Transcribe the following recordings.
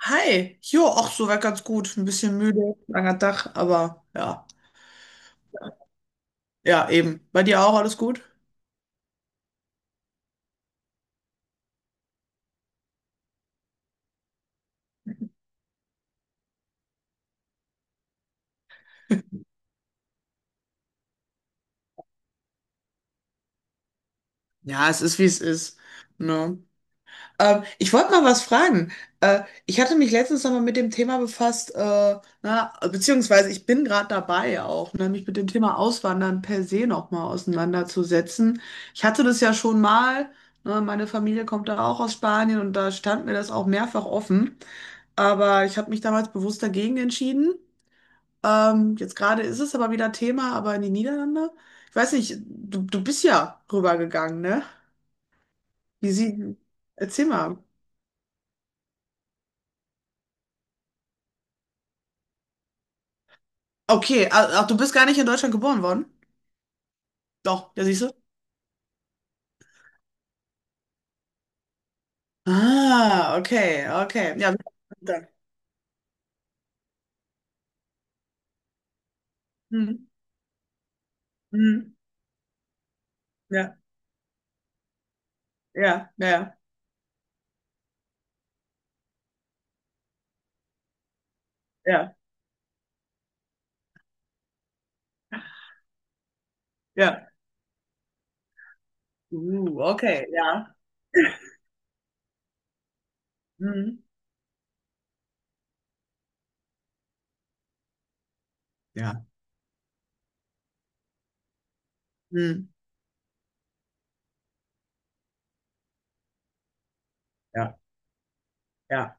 Hi, jo, auch soweit ganz gut. Ein bisschen müde, langer Tag, aber ja. Ja, eben. Bei dir auch alles gut? Ja, es ist, wie es ist. Ne? Ich wollte mal was fragen. Äh, Ich hatte mich letztens nochmal mit dem Thema befasst, na, beziehungsweise ich bin gerade dabei auch, ne, mich mit dem Thema Auswandern per se nochmal auseinanderzusetzen. Ich hatte das ja schon mal, ne, meine Familie kommt da auch aus Spanien und da stand mir das auch mehrfach offen. Aber ich habe mich damals bewusst dagegen entschieden. Jetzt gerade ist es aber wieder Thema, aber in die Niederlande. Ich weiß nicht, du bist ja rübergegangen, ne? Wie sie. Erzähl mal. Okay, ach, du bist gar nicht in Deutschland geboren worden? Doch, ja, siehst du? Ah, okay, okay. Ja, dann. Hm, hm, ja, ja, ja, ja, ja. Okay, ja. Hm, ja, hm, ja, ja,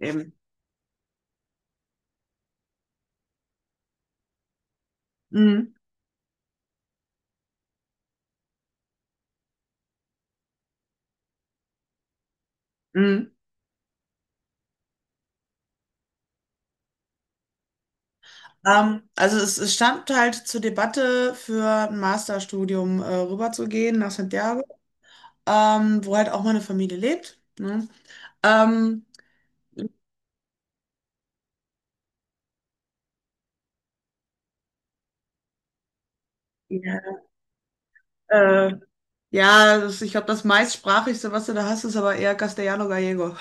eben. Hm, hm. Also es stand halt zur Debatte für ein Masterstudium rüberzugehen nach Santiago, wo halt auch meine Familie lebt. Ne? Ähm, ja, äh, ja das, ich glaube, das meistsprachigste, was du da hast, ist aber eher Castellano-Gallego.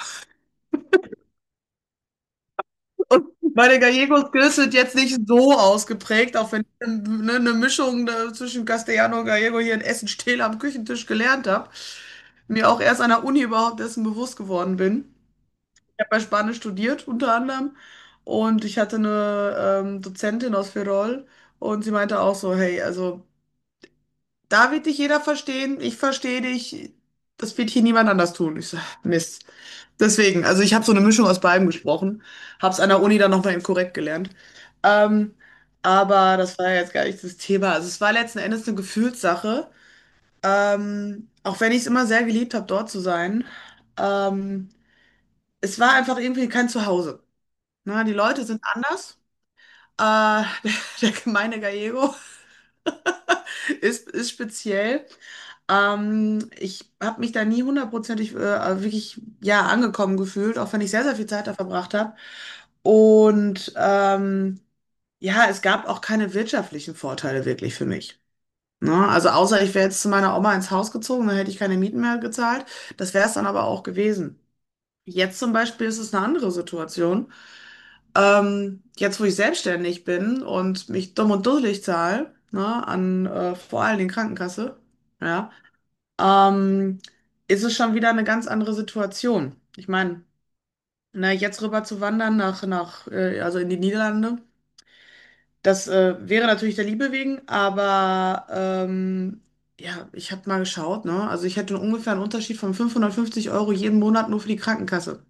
Und meine Gallego-Skills sind jetzt nicht so ausgeprägt, auch wenn ich ne, eine Mischung zwischen Castellano und Gallego hier in Essen-Stehle am Küchentisch gelernt habe, mir auch erst an der Uni überhaupt dessen bewusst geworden bin. Ich habe ja Spanisch studiert, unter anderem. Und ich hatte eine Dozentin aus Ferrol und sie meinte auch so, hey, also da wird dich jeder verstehen, ich verstehe dich, das wird hier niemand anders tun. Ich so, Mist. Deswegen, also ich habe so eine Mischung aus beidem gesprochen, habe es an der Uni dann nochmal eben korrekt gelernt. Ähm, aber das war ja jetzt gar nicht das Thema. Also es war letzten Endes eine Gefühlssache, auch wenn ich es immer sehr geliebt habe, dort zu sein. Ähm, Es war einfach irgendwie kein Zuhause. Na, die Leute sind anders. Äh, Der gemeine Gallego ist speziell. Ich habe mich da nie hundertprozentig wirklich ja, angekommen gefühlt, auch wenn ich sehr, sehr viel Zeit da verbracht habe. Und ja, es gab auch keine wirtschaftlichen Vorteile wirklich für mich. Ne? Also außer ich wäre jetzt zu meiner Oma ins Haus gezogen, dann hätte ich keine Mieten mehr gezahlt. Das wäre es dann aber auch gewesen. Jetzt zum Beispiel ist es eine andere Situation. Jetzt, wo ich selbstständig bin und mich dumm und dusselig zahle, ne, an vor allen Dingen Krankenkasse, ja, ähm, ist es schon wieder eine ganz andere Situation. Ich meine, na, jetzt rüber zu wandern nach, also in die Niederlande, das wäre natürlich der Liebe wegen, aber ja, ich habe mal geschaut, ne, also ich hätte ungefähr einen Unterschied von 550 € jeden Monat nur für die Krankenkasse.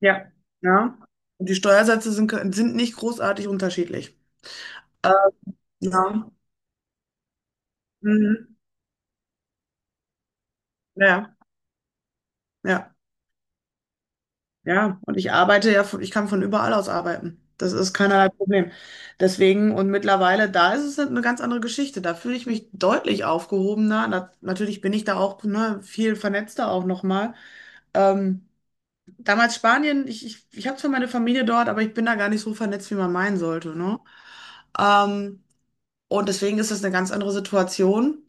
Ja. Ja. Und die Steuersätze sind nicht großartig unterschiedlich. Ja. Mhm. Ja, ja, ja. Und ich arbeite ja, ich kann von überall aus arbeiten. Das ist keinerlei Problem. Deswegen, und mittlerweile, da ist es eine ganz andere Geschichte. Da fühle ich mich deutlich aufgehobener. Na, natürlich bin ich da auch, ne, viel vernetzter auch nochmal. Ähm, Damals Spanien, ich habe zwar meine Familie dort, aber ich bin da gar nicht so vernetzt, wie man meinen sollte, ne? Ähm, und deswegen ist das eine ganz andere Situation.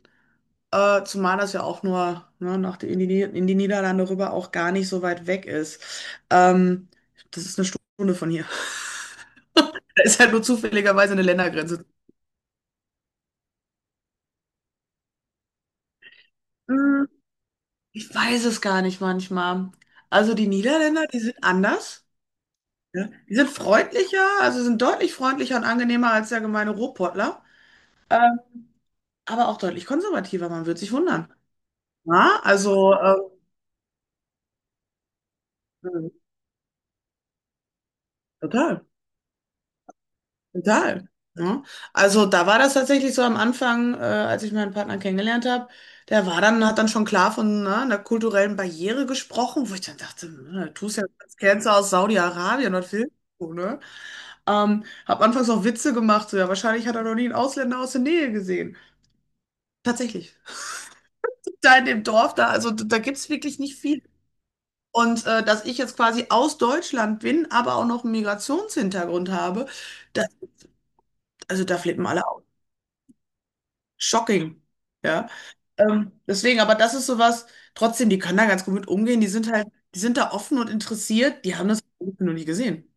Zumal das ja auch nur ne, nach die, in die, Nieder- in die Niederlande rüber auch gar nicht so weit weg ist. Ähm, Das ist eine Stunde von hier. Da ist halt nur zufälligerweise eine Ländergrenze. Hm, Ich weiß es gar nicht manchmal. Also die Niederländer, die sind anders. Ja. Die sind freundlicher, also sind deutlich freundlicher und angenehmer als der gemeine Ruhrpottler. Ähm, aber auch deutlich konservativer, man wird sich wundern. Ja, also, ähm, total. Total. Ja. Also da war das tatsächlich so am Anfang, als ich meinen Partner kennengelernt habe, hat dann schon klar von ne, einer kulturellen Barriere gesprochen, wo ich dann dachte, ne, du tust ja als Cancer aus Saudi-Arabien und filmst du, ne? Hab anfangs auch Witze gemacht, so ja, wahrscheinlich hat er noch nie einen Ausländer aus der Nähe gesehen. Tatsächlich. Da in dem Dorf, da, also da gibt's wirklich nicht viel. Und dass ich jetzt quasi aus Deutschland bin, aber auch noch einen Migrationshintergrund habe, da, also da flippen alle aus. Shocking, ja. Deswegen, aber das ist sowas, trotzdem, die können da ganz gut mit umgehen. Die sind halt, die sind da offen und interessiert. Die haben das noch nie gesehen.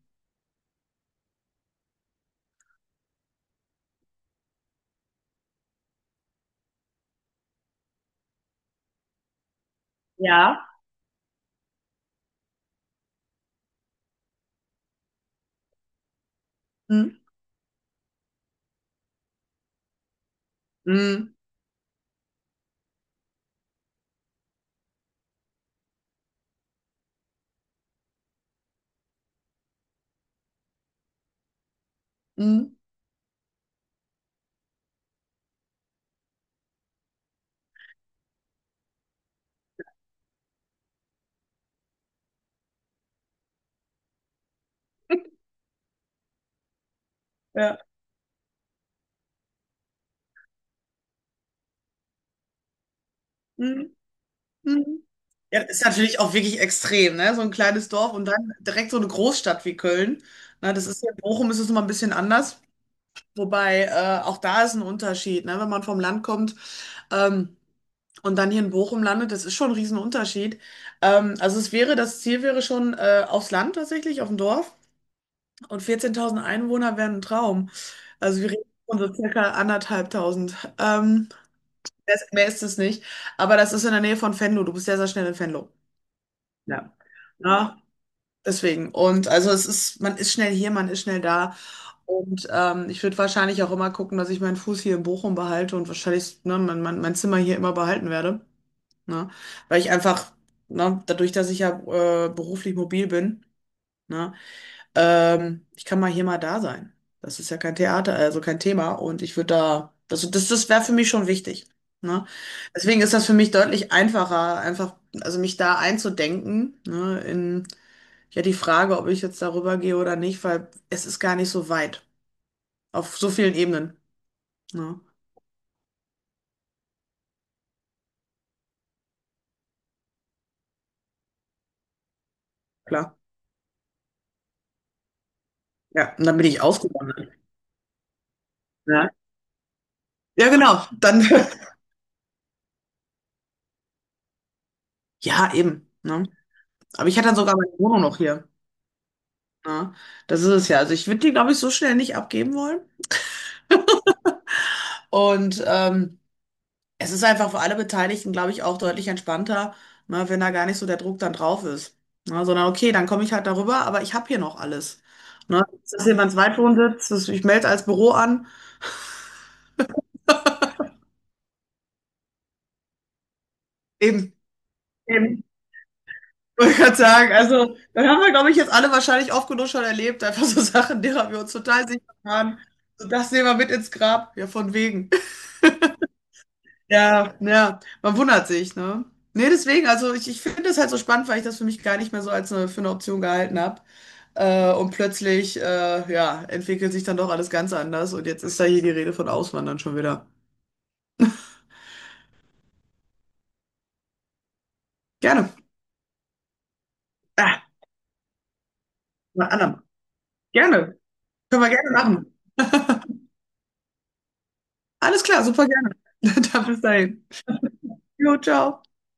Ja. Hm, hm, hm, ja, hm, hm. Hm. Ja, das ist natürlich auch wirklich extrem, ne? So ein kleines Dorf und dann direkt so eine Großstadt wie Köln. Na, das ist ja, in Bochum ist es nochmal ein bisschen anders. Wobei, auch da ist ein Unterschied, ne? Wenn man vom Land kommt. Ähm, und dann hier in Bochum landet, das ist schon ein Riesenunterschied. Also es wäre, das Ziel wäre schon aufs Land tatsächlich, auf dem Dorf. Und 14.000 Einwohner wären ein Traum. Also wir reden von so circa 1.500. Mehr ist es nicht. Aber das ist in der Nähe von Venlo. Du bist sehr, sehr schnell in Venlo. Ja. Ja, deswegen. Und also es ist, man ist schnell hier, man ist schnell da. Und ich würde wahrscheinlich auch immer gucken, dass ich meinen Fuß hier in Bochum behalte und wahrscheinlich, ne, mein Zimmer hier immer behalten werde. Ne? Weil ich einfach, ne, dadurch, dass ich ja beruflich mobil bin, ne, ich kann mal hier mal da sein. Das ist ja kein Theater, also kein Thema. Und ich würde da, also das wäre für mich schon wichtig. Ne? Deswegen ist das für mich deutlich einfacher, einfach, also mich da einzudenken, ne, in ja die Frage, ob ich jetzt darüber gehe oder nicht, weil es ist gar nicht so weit. Auf so vielen Ebenen. Ne? Klar. Ja, und dann bin ich ausgewandert. Ne? Ja, genau. Dann, ja, eben. Ne? Aber ich hatte dann sogar meine Wohnung noch hier. Ja, das ist es ja. Also ich würde die, glaube ich, so schnell nicht abgeben wollen. Und es ist einfach für alle Beteiligten, glaube ich, auch deutlich entspannter, ne, wenn da gar nicht so der Druck dann drauf ist. Ne, sondern okay, dann komme ich halt darüber, aber ich habe hier noch alles. Ne, dass das jemand Zweitwohnsitz, dass ich melde als Büro an. Eben, eben. Wollte ich gerade sagen, also, dann haben wir, glaube ich, jetzt alle wahrscheinlich oft genug schon erlebt, einfach so Sachen, derer wir uns total sicher waren. So, das nehmen wir mit ins Grab. Ja, von wegen. Ja, ja, man wundert sich, ne? Nee, deswegen, also ich finde das halt so spannend, weil ich das für mich gar nicht mehr so für eine Option gehalten habe. Und plötzlich, ja, entwickelt sich dann doch alles ganz anders. Und jetzt ist da hier die Rede von Auswandern schon wieder. Gerne. Ah, mal andermal. Gerne. Können wir gerne machen. Alles klar, super gerne. Dann bis dahin. Jo, ciao.